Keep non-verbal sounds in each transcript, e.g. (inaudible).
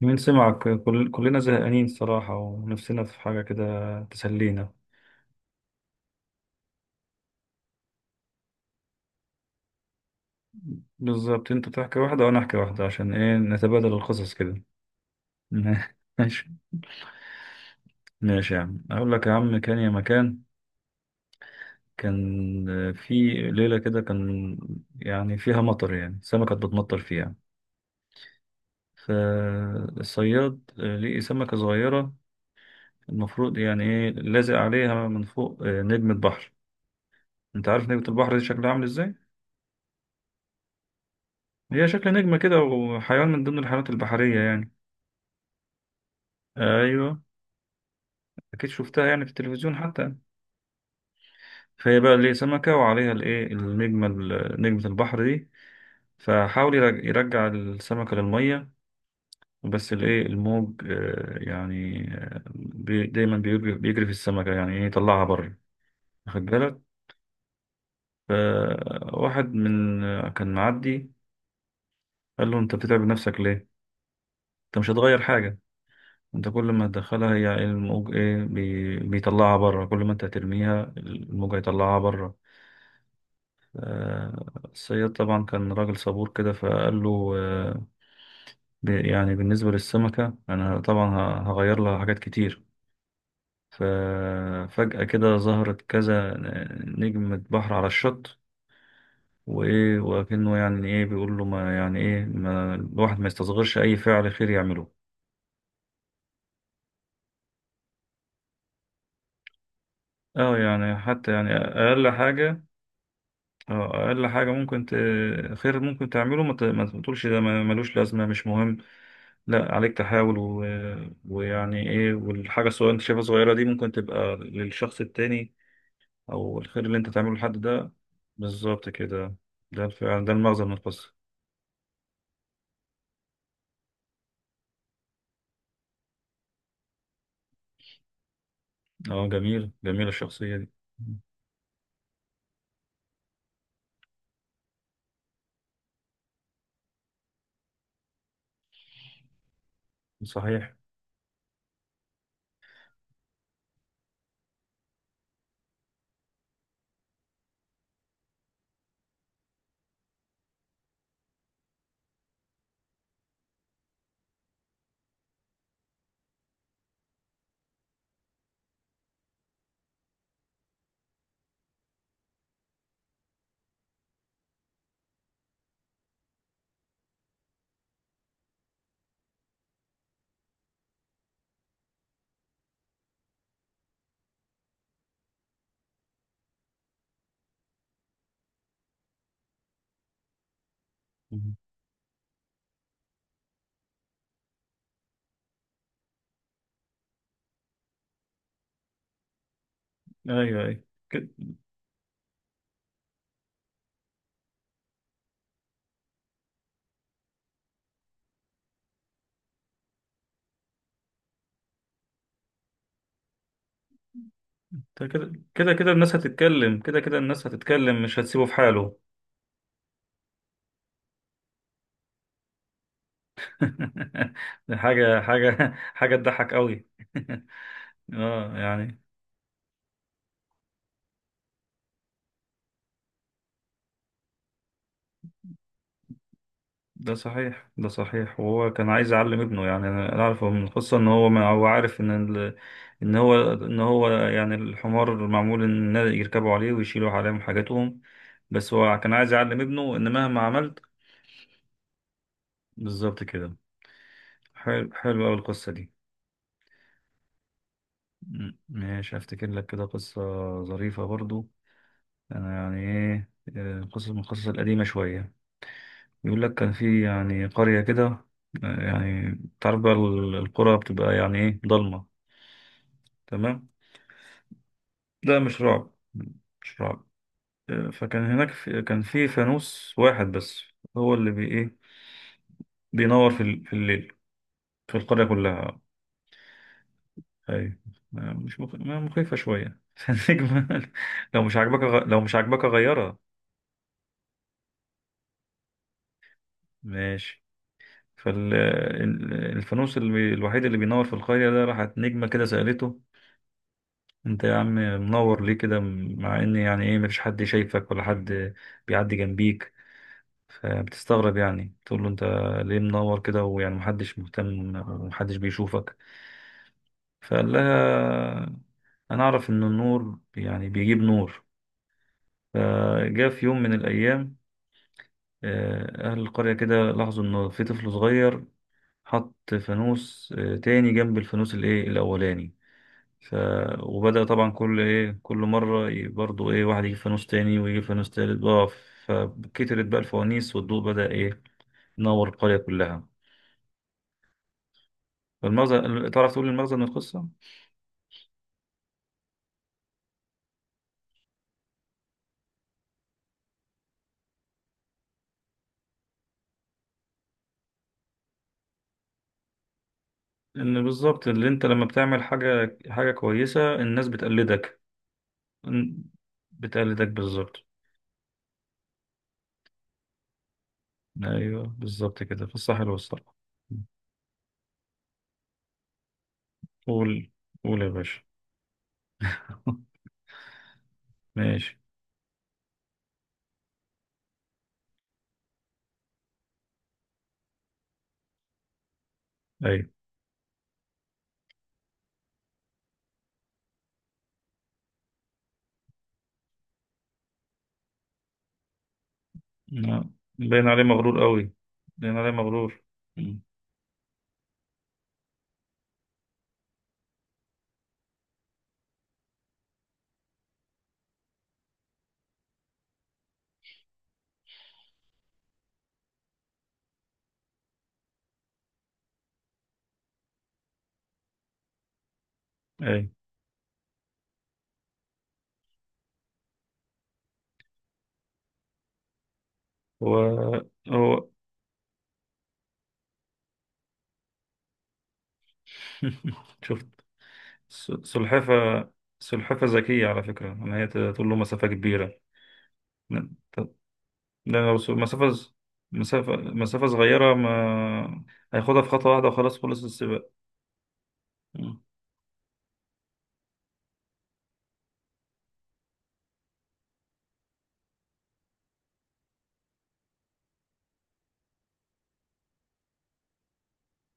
مين سمعك؟ كلنا زهقانين الصراحة ونفسنا في حاجة كده تسلينا. بالظبط، انت تحكي واحدة وانا احكي واحدة، عشان ايه، نتبادل القصص كده. (laughs) ماشي. ماشي يا عم، اقول لك يا عم، كان يا مكان. كان في ليلة كده، كان يعني فيها مطر، يعني سمكة بتمطر فيها. فالصياد لقي سمكة صغيرة، المفروض يعني ايه، لازق عليها من فوق نجمة بحر. انت عارف نجمة البحر دي شكلها عامل ازاي؟ هي شكل نجمة كده، وحيوان من ضمن الحيوانات البحرية يعني. أيوه. أكيد شفتها يعني في التلفزيون حتى. فهي بقى اللي سمكة وعليها الإيه النجمة نجمة البحر دي، فحاول يرجع السمكة للمية، بس الإيه الموج، بي دايما بيجري بيجري في السمكة يعني إيه يطلعها بره. واخد بالك؟ فواحد من كان معدي، قال له أنت بتتعب نفسك ليه؟ أنت مش هتغير حاجة. انت كل ما تدخلها هي الموج ايه بيطلعها بره، كل ما انت ترميها الموج هيطلعها بره. آه، الصياد طبعا كان راجل صبور كده، فقال له يعني بالنسبة للسمكة انا طبعا هغير لها حاجات كتير. ففجأة كده ظهرت كذا نجمة بحر على الشط، وايه، وكأنه يعني ايه بيقول له، ما يعني ايه، ما الواحد ما يستصغرش اي فعل خير يعمله. اه يعني حتى يعني اقل حاجة. اه، اقل حاجه ممكن خير ممكن تعمله، ما تقولش ده ملوش لازمه، مش مهم. لا، عليك تحاول ويعني ايه، والحاجه الصغيره انت شايفها صغيره دي ممكن تبقى للشخص التاني، او الخير اللي انت تعمله لحد ده. بالظبط كده. ده الفعل، ده المغزى من القصه. اه، جميل جميل الشخصيه دي. مم. صحيح. مم. ايوه ايوه. كده كده كده كده، الناس هتتكلم، كده كده الناس هتتكلم، مش هتسيبه في حاله. (laughs) حاجه حاجه حاجه تضحك قوي. (laughs) اه يعني. ده صحيح، ده صحيح، وهو كان عايز يعلم ابنه، يعني انا أنا اعرفه من القصه ان هو، ما هو عارف ان هو يعني الحمار معمول ان يركبوا عليه ويشيلوا عليهم حاجاتهم. بس هو كان عايز يعلم ابنه ان مهما عملت. بالظبط كده. حلو، حلو قوي القصه دي. ماشي، افتكر لك كده قصه ظريفه برضو. انا يعني ايه، قصص من القصص القديمه شويه. بيقول لك كان في يعني قرية كده، يعني تعرف بقى القرى بتبقى يعني ايه ضلمة. تمام. ده مش رعب، مش رعب. فكان هناك في كان في فانوس واحد بس، هو اللي بي ايه بينور في الليل، في القرية كلها. اي. مش مخ... ما مخيفة شوية. (laughs) فالنجمة، لو مش عاجبك غيرها. ماشي. فالفانوس الوحيد اللي بينور في القرية ده، راحت نجمة كده سألته. انت يا عم منور ليه كده، مع ان يعني ايه، مفيش حد شايفك ولا حد بيعدي جنبيك. فبتستغرب، يعني تقول له، انت ليه منور كده، ويعني محدش مهتم ومحدش بيشوفك. فقال لها، انا اعرف ان النور يعني بيجيب نور. فجاء في يوم من الايام، اهل القرية كده لاحظوا ان في طفل صغير حط فانوس تاني جنب الفانوس الايه الاولاني. ف... وبدأ طبعا كل ايه، كل مرة برضو ايه واحد يجيب فانوس تاني، ويجيب فانوس تالت بقى. فكترت بقى الفوانيس، والضوء بدأ ايه، ينور القرية كلها. فالمغزى، تعرف تقول المغزى من القصة؟ إن بالظبط اللي أنت لما بتعمل حاجة، حاجة كويسة، الناس بتقلدك. إن- بتقلدك بالظبط. أيوه بالظبط كده، في الصح والصراحة. قول. قول يا باشا. (laughs) ماشي. أيوه. آه. باين عليه مغرور قوي. باين عليه مغرور. مم. أيوه. هو. هو (laughs) شفت. س- سلحفة سلحفة ذكية على فكرة، إن هي تقول له مسافة كبيرة. لأن لو س- مسافة ز- مسافة مسافة صغيرة، ما هياخدها في خطوة واحدة، وخلاص خلص السباق. مم.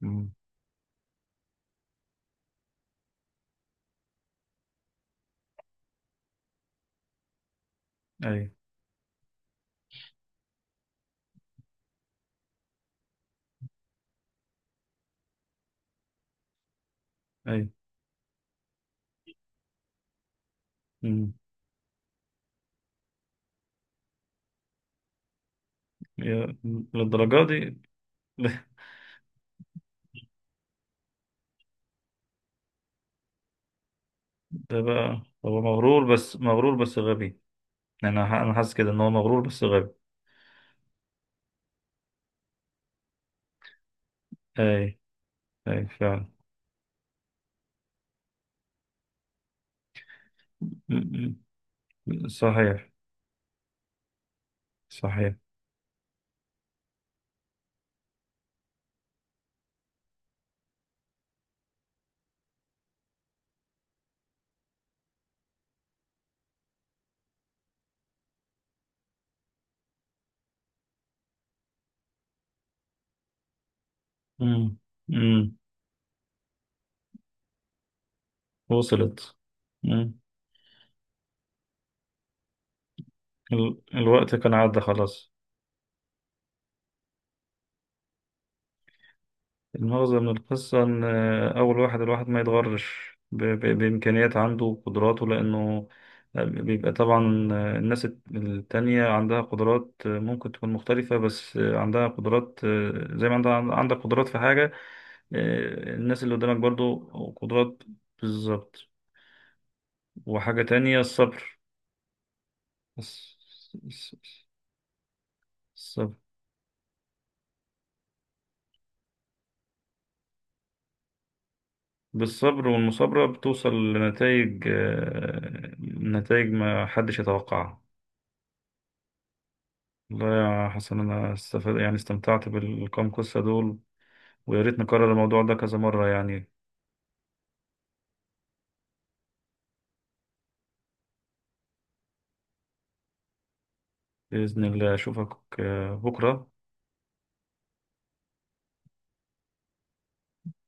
مم. أي. أي. مم. يا- للدرجة دي. (laughs) ده بقى هو مغرور، بس مغرور بس غبي. أنا حاسس كده إن هو مغرور بس غبي. أي. أي فعلا. مم. مم. صحيح. صحيح. مم. مم. وصلت. مم. الوقت كان عدى خلاص. المغزى من القصة إن أول واحد، الواحد ما يتغرش بإمكانيات عنده وقدراته، لأنه بيبقى طبعا، الناس التانية عندها قدرات، ممكن تكون مختلفة، بس عندها قدرات، زي ما عندك قدرات في حاجة، الناس اللي قدامك برضو قدرات. بالظبط. وحاجة تانية، الصبر. الص- الص- الصبر. بالصبر والمثابرة بتوصل لنتائج، نتائج ما حدش يتوقعها. والله يا حسن، أنا استفاد يعني استمتعت بالكام قصة دول. ويا ريت نكرر الموضوع ده كذا مرة يعني. بإذن الله أشوفك بكرة.